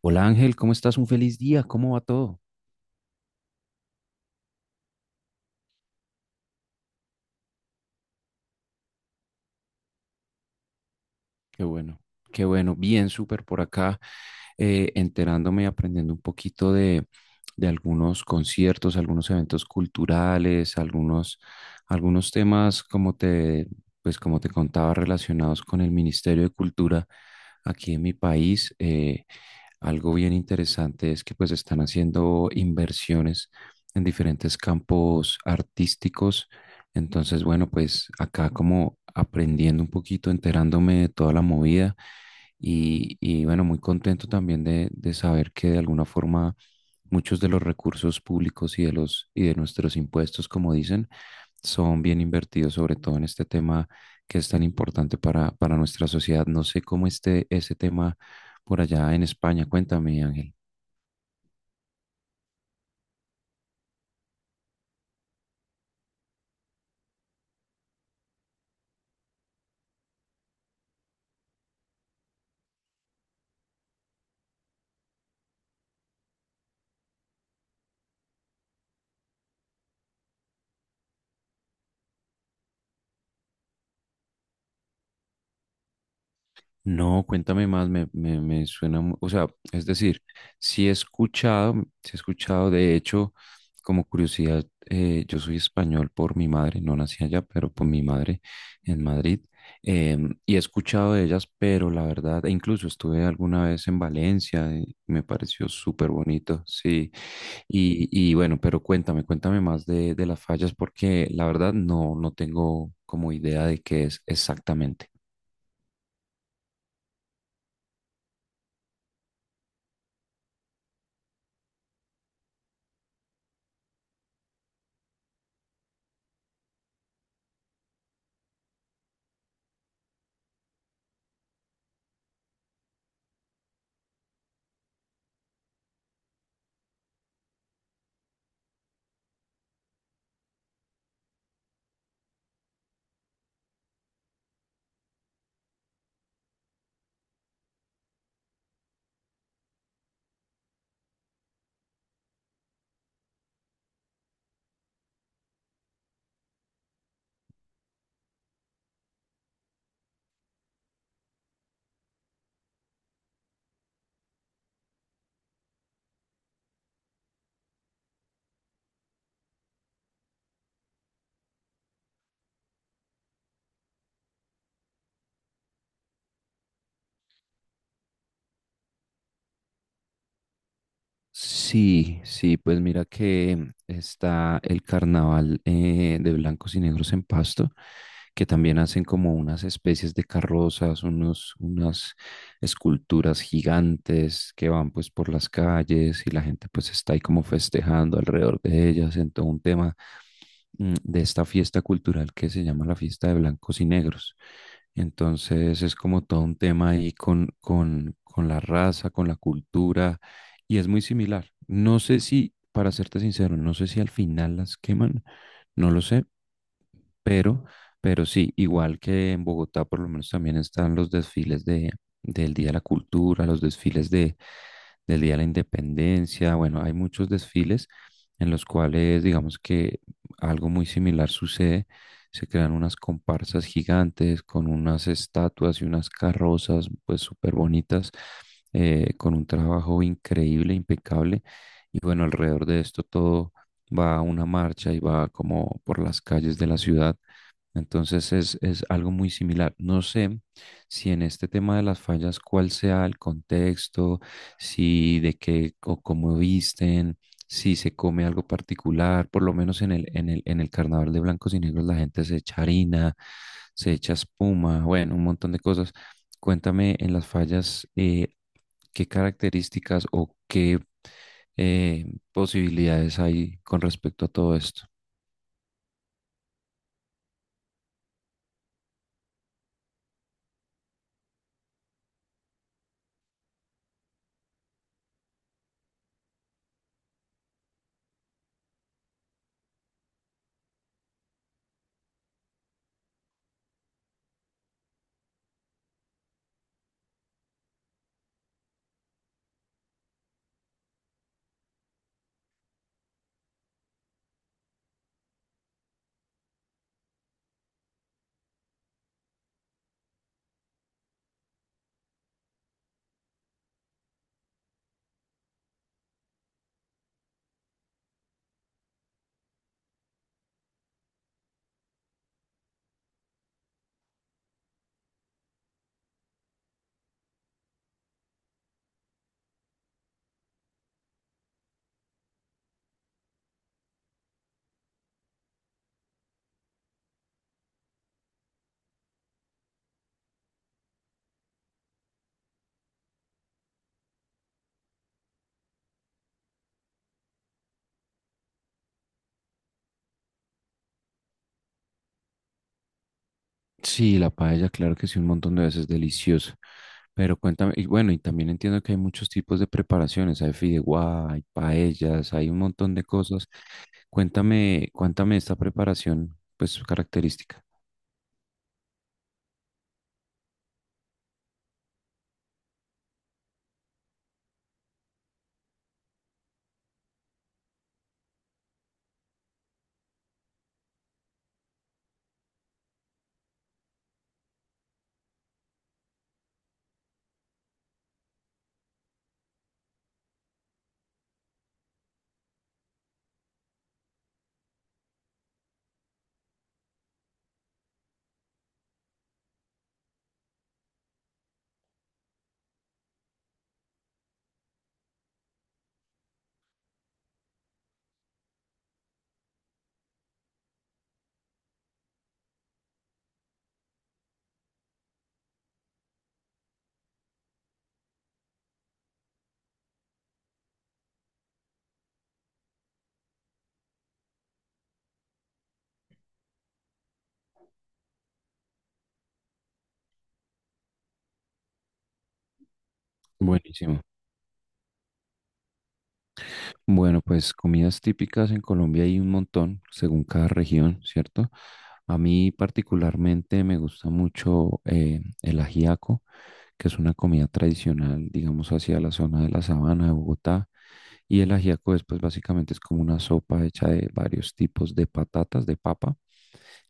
Hola Ángel, ¿cómo estás? Un feliz día, ¿cómo va todo? Qué bueno, qué bueno, bien, súper por acá, enterándome y aprendiendo un poquito de algunos conciertos, algunos eventos culturales, algunos temas, pues como te contaba, relacionados con el Ministerio de Cultura aquí en mi país. Algo bien interesante es que pues están haciendo inversiones en diferentes campos artísticos. Entonces, bueno, pues acá como aprendiendo un poquito, enterándome de toda la movida y bueno, muy contento también de saber que de alguna forma muchos de los recursos públicos y de los y de nuestros impuestos, como dicen, son bien invertidos, sobre todo en este tema que es tan importante para nuestra sociedad. No sé cómo esté ese tema por allá en España. Cuéntame, Ángel. No, cuéntame más, me suena, o sea, es decir, sí he escuchado, sí he escuchado, de hecho, como curiosidad, yo soy español por mi madre, no nací allá, pero por mi madre en Madrid, y he escuchado de ellas, pero la verdad, e incluso estuve alguna vez en Valencia, y me pareció súper bonito, sí, y bueno, pero cuéntame, cuéntame más de las fallas, porque la verdad no, no tengo como idea de qué es exactamente. Sí, sí, pues mira que está el carnaval de blancos y negros en Pasto, que también hacen como unas especies de carrozas, unas esculturas gigantes que van pues por las calles y la gente pues está ahí como festejando alrededor de ellas en todo un tema de esta fiesta cultural que se llama la fiesta de blancos y negros. Entonces es como todo un tema ahí con la raza, con la cultura, y es muy similar. No sé si, para serte sincero, no sé si al final las queman, no lo sé, pero, pero sí, igual que en Bogotá, por lo menos también están los desfiles del Día de la Cultura, los desfiles del Día de la Independencia. Bueno, hay muchos desfiles en los cuales, digamos que algo muy similar sucede. Se crean unas comparsas gigantes con unas estatuas y unas carrozas, pues súper bonitas, con un trabajo increíble, impecable. Y bueno, alrededor de esto todo va a una marcha y va como por las calles de la ciudad entonces es algo muy similar. No sé si en este tema de las fallas, cuál sea el contexto, si de qué o cómo visten, si se come algo particular, por lo menos en el carnaval de blancos y negros la gente se echa harina, se echa espuma, bueno, un montón de cosas. Cuéntame en las fallas qué características o qué eh, posibilidades hay con respecto a todo esto. Sí, la paella, claro que sí, un montón de veces deliciosa. Pero cuéntame, y bueno, y también entiendo que hay muchos tipos de preparaciones, hay fideuá, hay paellas, hay un montón de cosas. Cuéntame, cuéntame esta preparación, pues su característica. Buenísimo. Bueno, pues comidas típicas en Colombia hay un montón, según cada región, ¿cierto? A mí particularmente me gusta mucho el ajiaco, que es una comida tradicional, digamos, hacia la zona de la sabana de Bogotá. Y el ajiaco es, pues, básicamente es como una sopa hecha de varios tipos de patatas, de papa.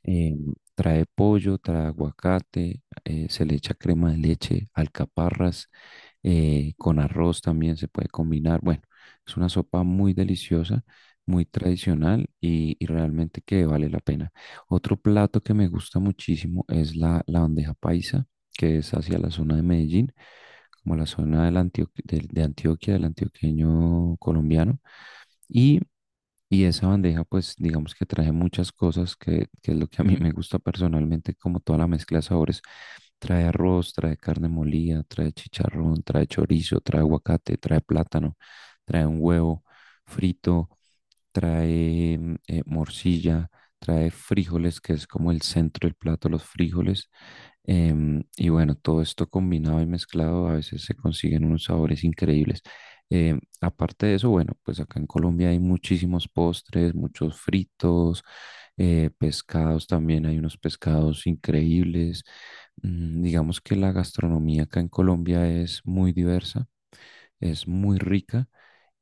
Eh, trae pollo, trae aguacate, se le echa crema de leche, alcaparras con arroz también se puede combinar. Bueno, es una sopa muy deliciosa, muy tradicional y realmente que vale la pena. Otro plato que me gusta muchísimo es la bandeja paisa, que es hacia la zona de Medellín, como la zona de Antioquia, del antioqueño colombiano. Y y esa bandeja, pues digamos que trae muchas cosas, que es lo que a mí me gusta personalmente, como toda la mezcla de sabores. Trae arroz, trae carne molida, trae chicharrón, trae chorizo, trae aguacate, trae plátano, trae un huevo frito, trae morcilla, trae frijoles, que es como el centro del plato, los frijoles. Y bueno, todo esto combinado y mezclado, a veces se consiguen unos sabores increíbles. Aparte de eso, bueno, pues acá en Colombia hay muchísimos postres, muchos fritos, pescados también, hay unos pescados increíbles. Mm, digamos que la gastronomía acá en Colombia es muy diversa, es muy rica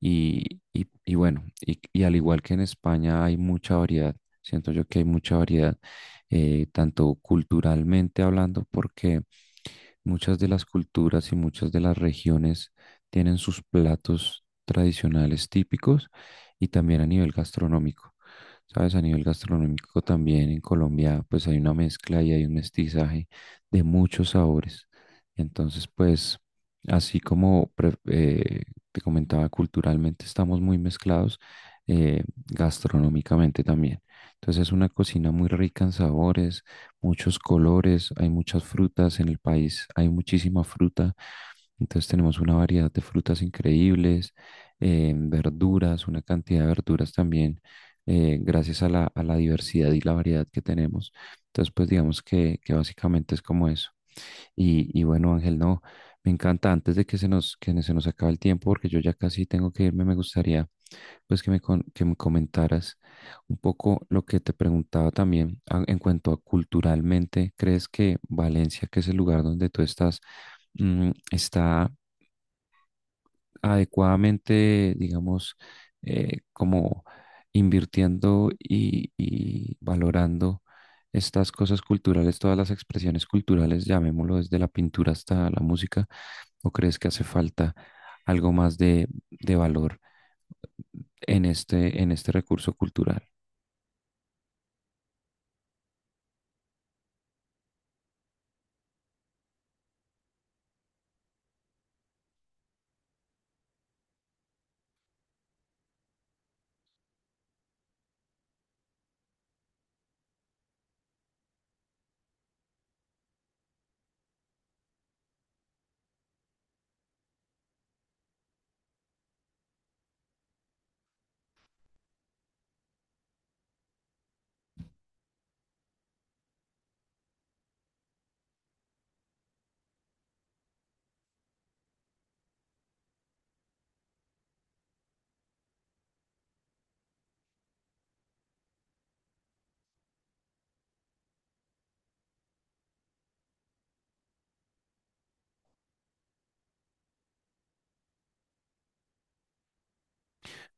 y, y bueno, y al igual que en España hay mucha variedad, siento yo que hay mucha variedad, tanto culturalmente hablando, porque muchas de las culturas y muchas de las regiones tienen sus platos tradicionales típicos y también a nivel gastronómico. Sabes, a nivel gastronómico también en Colombia pues hay una mezcla y hay un mestizaje de muchos sabores. Entonces pues así como te comentaba culturalmente estamos muy mezclados, gastronómicamente también. Entonces es una cocina muy rica en sabores, muchos colores, hay muchas frutas en el país, hay muchísima fruta, entonces tenemos una variedad de frutas increíbles, verduras, una cantidad de verduras también, gracias a a la diversidad y la variedad que tenemos. Entonces, pues digamos que básicamente es como eso. Y bueno, Ángel, no, me encanta, antes de que que se nos acabe el tiempo, porque yo ya casi tengo que irme, me gustaría pues que me, que me comentaras un poco lo que te preguntaba también en cuanto a culturalmente, ¿crees que Valencia, que es el lugar donde tú estás, mm, está adecuadamente, digamos, como invirtiendo y valorando estas cosas culturales, todas las expresiones culturales, llamémoslo desde la pintura hasta la música, o crees que hace falta algo más de valor en este recurso cultural?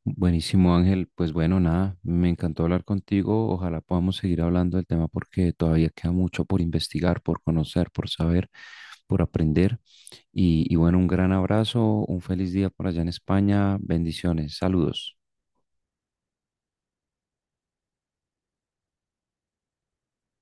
Buenísimo, Ángel. Pues bueno, nada, me encantó hablar contigo. Ojalá podamos seguir hablando. Y bueno, un gran abrazo, un feliz día por allá en España, bendiciones, saludos.